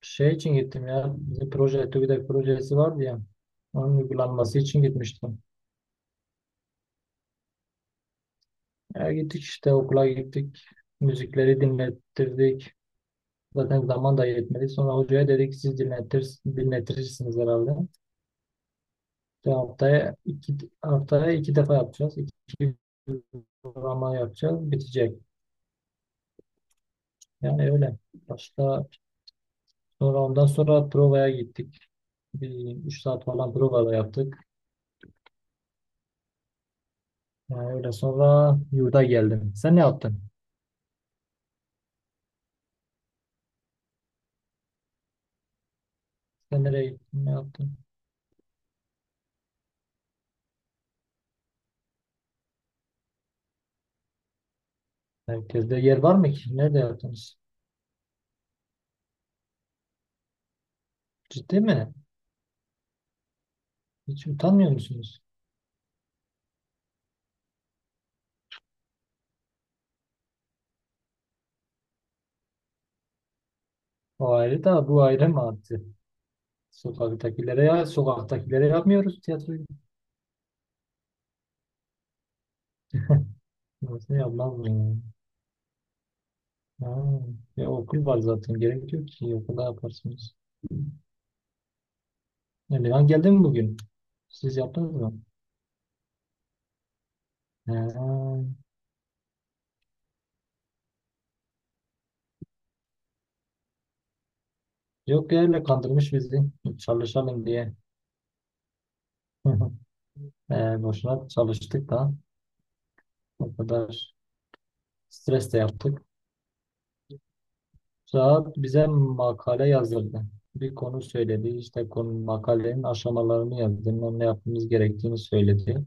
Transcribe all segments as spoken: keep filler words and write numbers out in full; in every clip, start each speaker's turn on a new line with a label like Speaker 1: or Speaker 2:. Speaker 1: Şey için gittim ya. Bizim proje, TÜBİTAK projesi vardı ya. Onun uygulanması için gitmiştim. Ya gittik işte okula gittik. Müzikleri dinlettirdik. Zaten zaman da yetmedi. Sonra hocaya dedik siz dinletir, dinletirsiniz herhalde. İşte haftaya iki, haftaya iki defa yapacağız. İki uygulama yapacağız. Bitecek. Yani öyle. Başta sonra ondan sonra provaya gittik. Bir üç saat falan prova da yaptık. Yani öyle sonra yurda geldim. Sen ne yaptın? Sen nereye gittin? Ne yaptın? Merkezde yer var mı ki? Nerede yaptınız? Ciddi mi? Hiç utanmıyor musunuz? O ayrı da bu ayrı mı artık? Sokaktakilere ya sokaktakilere yapmıyoruz tiyatroyu. Nasıl yapmaz mı ya? Ha, ya okul var zaten. Gerek yok ki okulda yaparsınız. Emirhan geldi mi bugün? Siz yaptınız mı? Ha, yok ya öyle kandırmış bizi. Çalışalım diye. Ee, boşuna çalıştık da o kadar stres de yaptık. Saat bize makale yazdırdı. Bir konu söyledi. İşte konu makalenin aşamalarını yazdı. Ne ne yapmamız gerektiğini söyledi.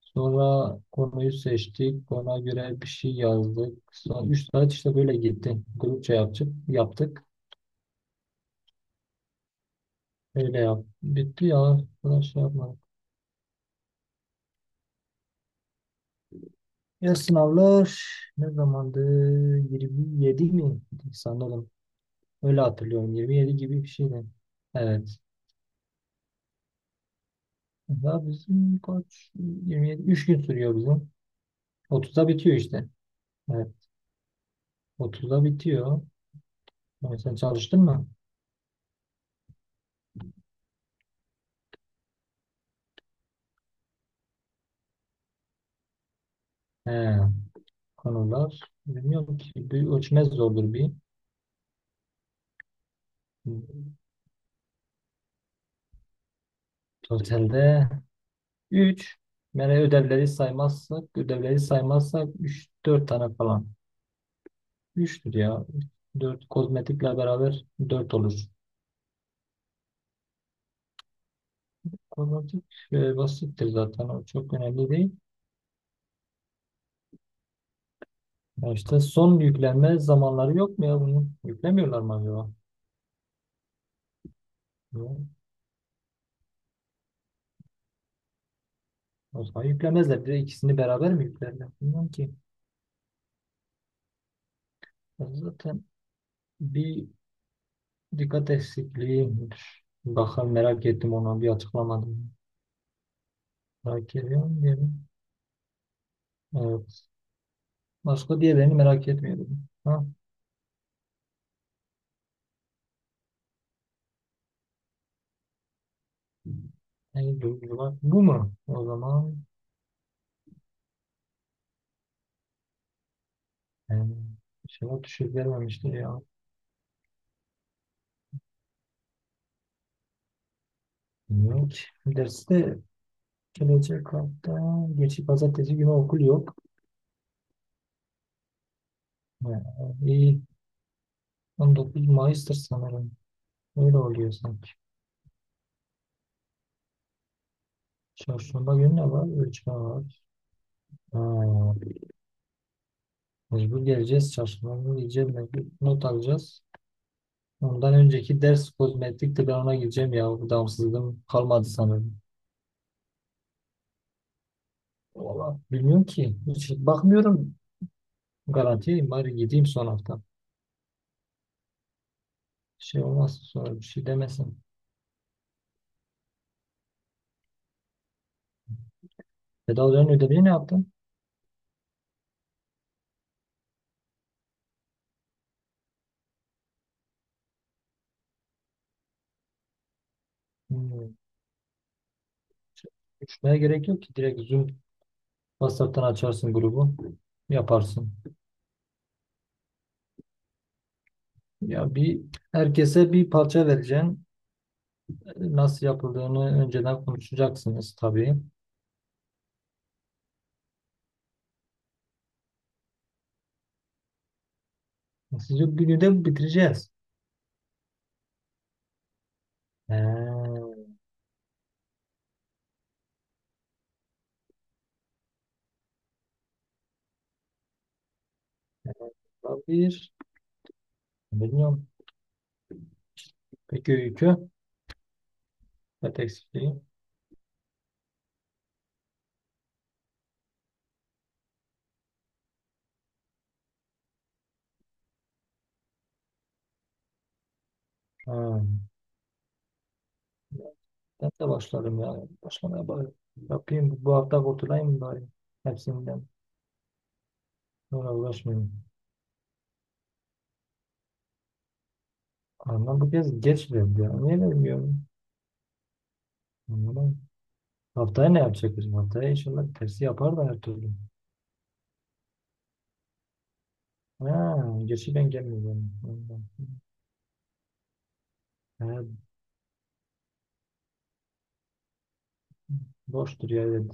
Speaker 1: Sonra konuyu seçtik. Ona göre bir şey yazdık. Sonra üç saat işte böyle gitti. Grupça yaptık. Yaptık. Öyle yap. Bitti ya. Daha şey yapmadık. Ya sınavlar ne zamandı? yirmi yedi mi? Sanırım. Öyle hatırlıyorum. yirmi yedi gibi bir şeydi. Evet. Daha bizim kaç? yirmi yedinci Üç gün sürüyor bizim. otuzda bitiyor işte. Evet. otuzda bitiyor. Yani sen çalıştın mı? He, konular. Bilmiyorum ki. Bir ölçmez zordur bir. Totalde üç. Yani ödevleri saymazsak, ödevleri saymazsak üç, dört tane falan. üçtür ya. Dört, kozmetikle beraber dört olur. Kozmetik e, basittir zaten. O çok önemli değil. Ya işte son yüklenme zamanları yok mu ya bunun? Yüklemiyorlar mı acaba? Yok. O zaman yüklemezler. Bir de ikisini beraber mi yüklerler? Bilmiyorum ki. Zaten bir dikkat eksikliği midir? Bakalım merak ettim onu bir açıklamadım. Merak ediyorum diyelim. Evet. Başka diğerlerini merak etmiyorum. Ha? Yani duygular. Bu mu? O zaman yani, inşallah düşük vermemiştir ya. Bilmiyorum ki. Derste gelecek hafta geçip pazartesi günü okul yok. Ha, iyi. on dokuz Mayıs'tır sanırım. Öyle oluyor sanki. Çarşamba günü ne var? Ölçme var. Ha, mecbur geleceğiz. Çarşamba günü gideceğim. Mecbur not alacağız. Ondan önceki ders kozmetikti. Ben ona gideceğim ya. Bu devamsızlığım kalmadı sanırım. Valla bilmiyorum ki. Hiç bakmıyorum. Garantiyeyim. Bari gideyim son hafta. Şey olmaz. Sonra bir şey demesin. Tedavilerin ödevini ne yaptın? Hmm. Uçmaya gerek yok ki. Direkt Zoom WhatsApp'tan açarsın grubu. Yaparsın. Ya bir herkese bir parça vereceksin. Nasıl yapıldığını önceden konuşacaksınız tabii. Sizi günü de bitireceğiz. He, olabilir. Bilmiyorum. Peki öykü ve eksikliği. Ha, ben de başlarım ya. Başlamaya bari. Yapayım. Bu hafta kurtulayım bari. Hepsinden. Sonra uğraşmayayım. Ama bu kez geç verdi ya. Niye vermiyorum? Anlamadım. Haftaya ne yapacak bizim? Haftaya inşallah tersi yapar da her türlü. Ha, geçi ben gelmiyorum. Ondan. Ha, boştur ya evet.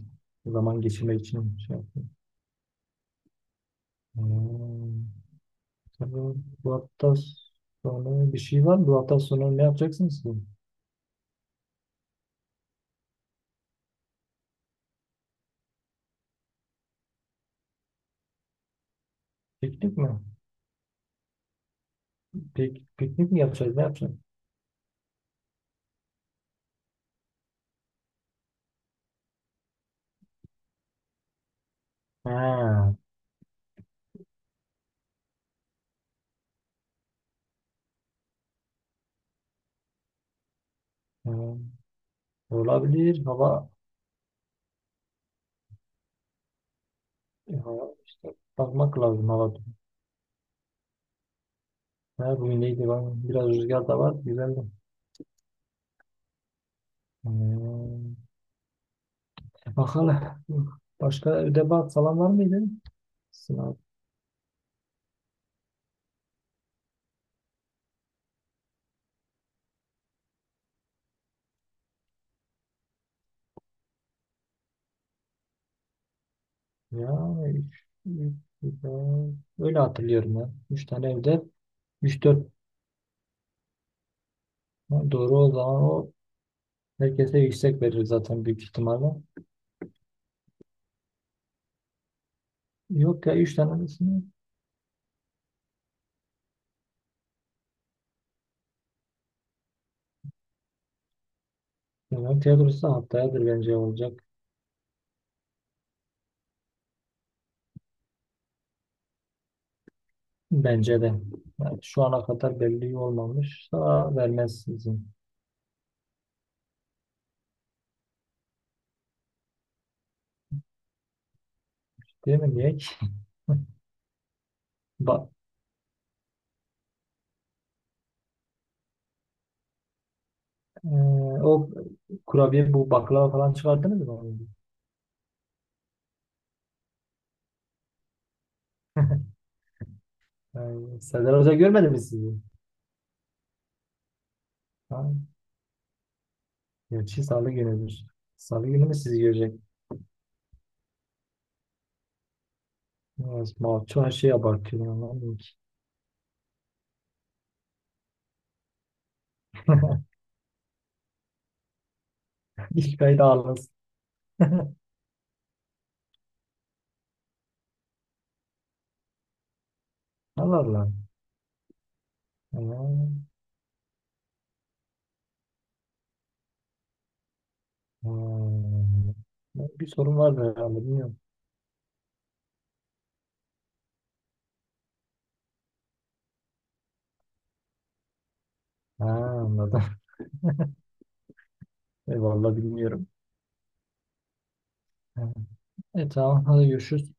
Speaker 1: Zaman geçirmek için şey yaptım. Hmm. Tabii bu hafta sonu bir şey var mı? Bu hafta sonu ne yapacaksınız ki? Piknik mi? Pik, piknik mi yapacağız? Ne yapacağız? Ha, hmm. Olabilir. Hava, ya, işte bakmak lazım hava. Ha, bugün neydi? Ben- Biraz rüzgar da var. Güzeldi. Hmm. E, bakalım. Başka ödev falan var mıydı? Sınav. Ya üç, üç, güzel. Öyle hatırlıyorum ben. Üç tane evde. Üç dört. Ha, doğru o zaman o herkese yüksek verir zaten büyük ihtimalle. Yok ya üç tane tanesini. Hemen tiyatrosu haftayadır bence olacak. Bence de. Yani şu ana kadar belli olmamışsa vermez izin. Değil mi? Niye ki? Ba Ee, o kurabiye bu baklava falan çıkardınız mı? Yani Serdar Hoca görmedi mi sizi? Ha? Gerçi salı günüdür. Salı günü mü sizi görecek? Biraz Malço her şeye abartıyor ya, lan ki. İlk ayda ağlasın. Allah Allah. Ama- Hmm. Bir sorun var herhalde bilmiyorum. Ha, anladım. E, vallahi bilmiyorum. Ha. E tamam hadi görüşürüz.